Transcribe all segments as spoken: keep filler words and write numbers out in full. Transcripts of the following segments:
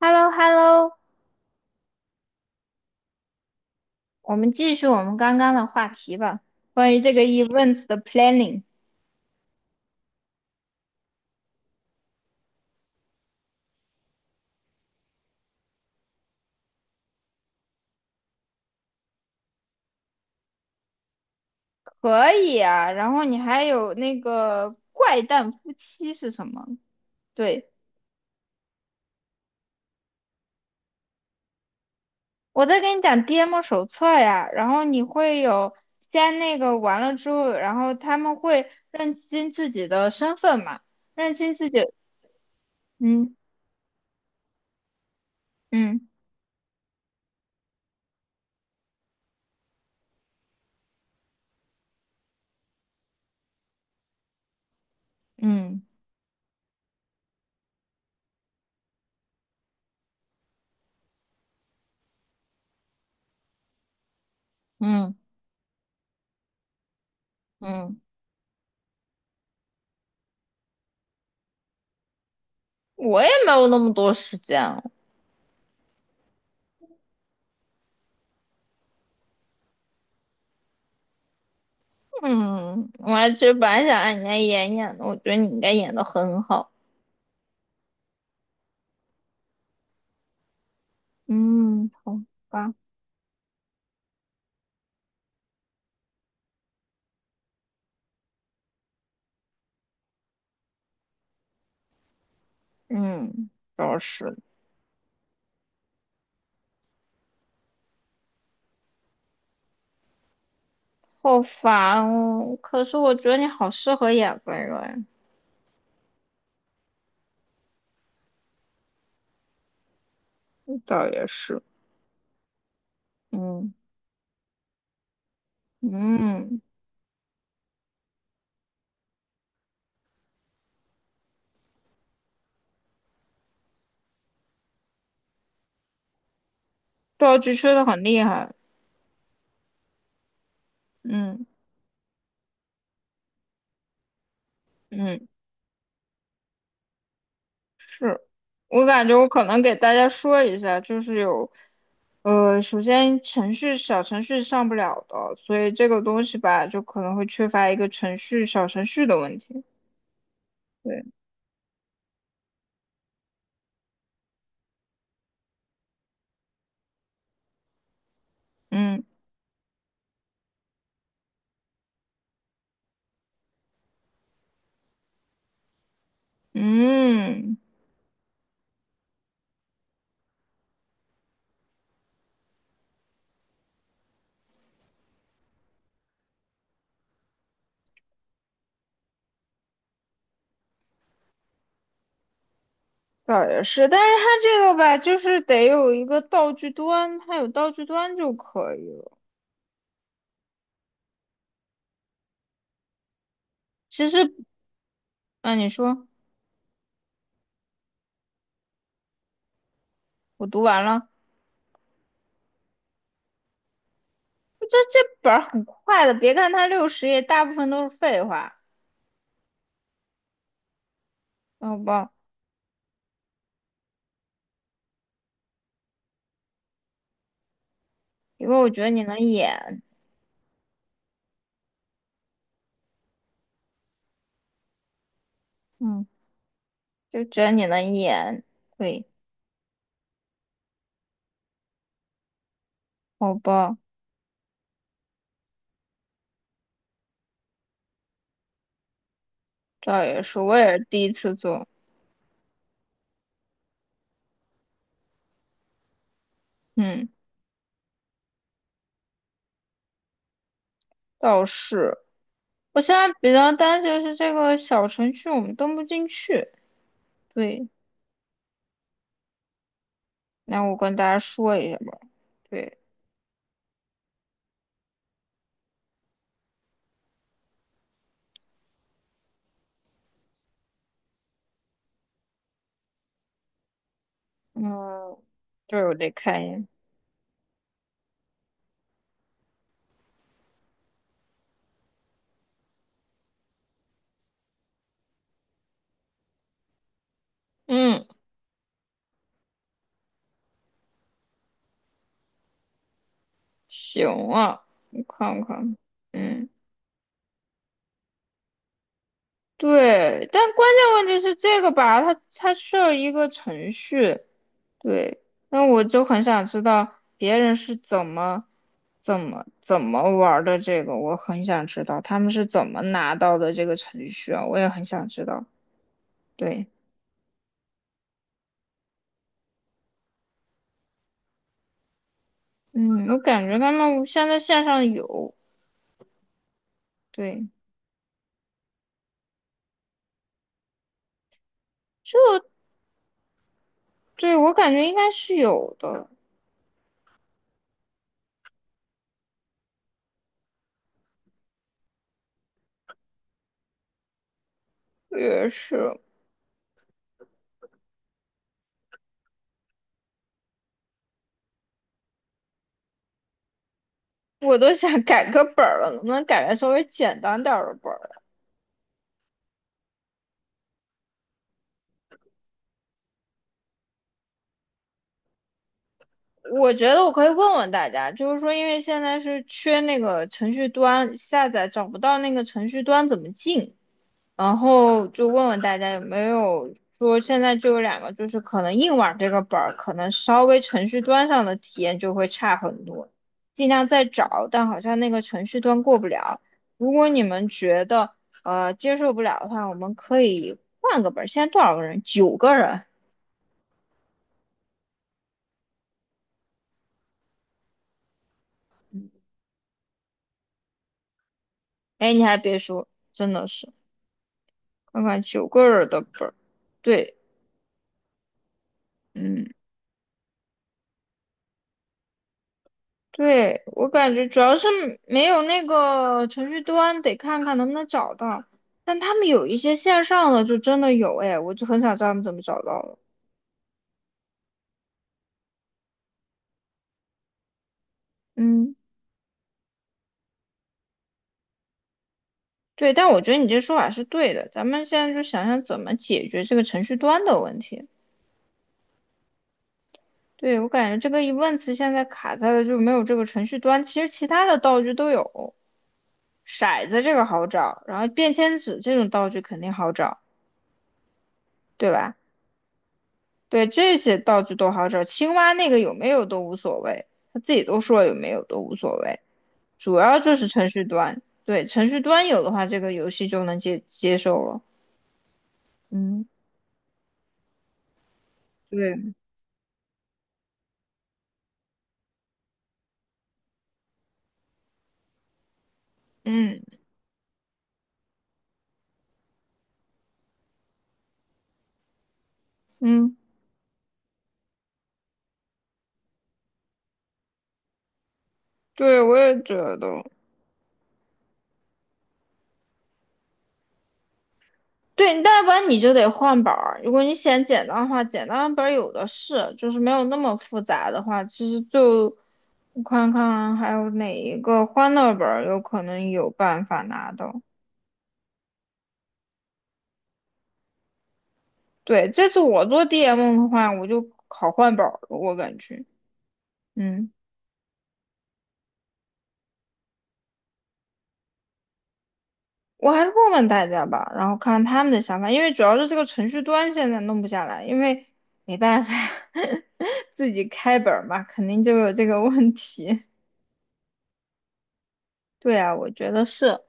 h e l l o h e l l o 我们继续我们刚刚的话题吧，关于这个 events 的 planning，可以啊。然后你还有那个怪诞夫妻是什么？对，我在跟你讲 D M 手册呀，然后你会有先那个完了之后，然后他们会认清自己的身份嘛，认清自己，嗯嗯嗯嗯嗯，我也没有那么多时间，嗯，我还其实本来想让你家演演的，我觉得你应该演的很好。嗯，好吧，嗯，倒是好烦哦。可是我觉得你好适合演温软，倒也是。嗯嗯，道具吹的很厉害。嗯嗯，是我感觉我可能给大家说一下，就是有。呃，首先程序小程序上不了的，所以这个东西吧，就可能会缺乏一个程序小程序的问题。对。嗯嗯，倒也是，但是它这个吧，就是得有一个道具端，它有道具端就可以了。其实，啊，你说我读完了，这本儿很快的，别看它六十页，大部分都是废话，好吧？因为我觉得你能演，嗯，就觉得你能演，对，好吧？倒也是，我也是第一次做，嗯，倒是，我现在比较担心的是这个小程序我们登不进去，对。那我跟大家说一下吧。对，嗯，对，我得看一眼。嗯，行啊，我看看。嗯，对，但关键问题是这个吧，它它需要一个程序。对，那我就很想知道别人是怎么怎么怎么玩儿的这个，我很想知道他们是怎么拿到的这个程序啊，我也很想知道。对，嗯，我感觉他们现在线上有，对。对，我感觉应该是有的，也是，我都想改个本儿了，能不能改个稍微简单点儿的本儿？我觉得我可以问问大家，就是说，因为现在是缺那个程序端，下载找不到那个程序端怎么进，然后就问问大家有没有说现在就有两个，就是可能硬网这个本儿，可能稍微程序端上的体验就会差很多，尽量再找，但好像那个程序端过不了。如果你们觉得呃接受不了的话，我们可以换个本儿。现在多少个人？九个人。哎，你还别说，真的是看看九个人的本儿，对，嗯。对，我感觉主要是没有那个程序端，得看看能不能找到。但他们有一些线上的就真的有，哎，我就很想知道他们怎么找到了。嗯，对，但我觉得你这说法是对的，咱们现在就想想怎么解决这个程序端的问题。对，我感觉这个疑问词现在卡在了就没有这个程序端，其实其他的道具都有，骰子这个好找，然后便签纸这种道具肯定好找，对吧？对，这些道具都好找，青蛙那个有没有都无所谓，他自己都说有没有都无所谓，主要就是程序端，对，程序端有的话，这个游戏就能接接受了。嗯，对，嗯嗯，对，我也觉得，对，要不然你就得换本儿。如果你嫌简单的话，简单的本儿有的是，就是没有那么复杂的话，其实就我看看还有哪一个欢乐本儿有可能有办法拿到。对，这次我做 D M 的话，我就考换本儿了，我感觉，嗯，我还是问问大家吧，然后看看他们的想法，因为主要是这个程序端现在弄不下来，因为没办法，自己开本儿嘛，肯定就有这个问题。对啊，我觉得是。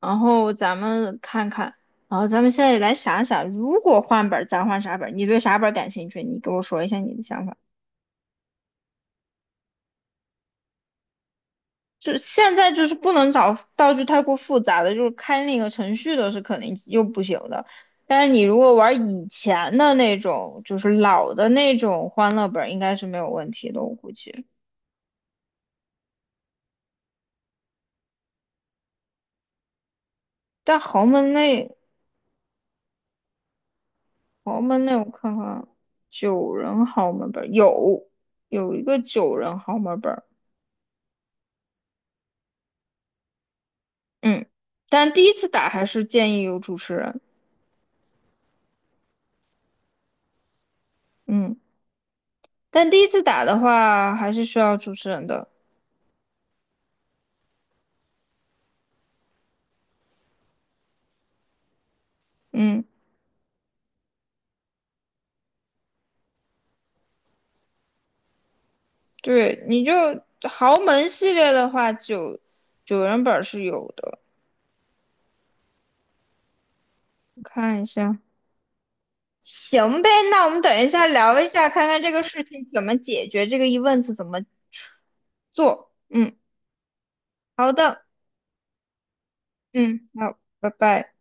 然后咱们看看，然后咱们现在来想想，如果换本儿，咱换啥本儿？你对啥本儿感兴趣？你给我说一下你的想法。就是现在就是不能找道具太过复杂的，就是开那个程序的是肯定又不行的。但是你如果玩以前的那种，就是老的那种欢乐本，应该是没有问题的，我估计。但豪门那豪门那，我看看，九人豪门本有有一个九人豪门本，嗯，但第一次打还是建议有主持人，嗯，但第一次打的话还是需要主持人的，嗯。对，你就豪门系列的话，九九人本是有的，我看一下。行呗，那我们等一下聊一下，看看这个事情怎么解决，这个 events 怎么做。嗯，好的，嗯，好，拜拜。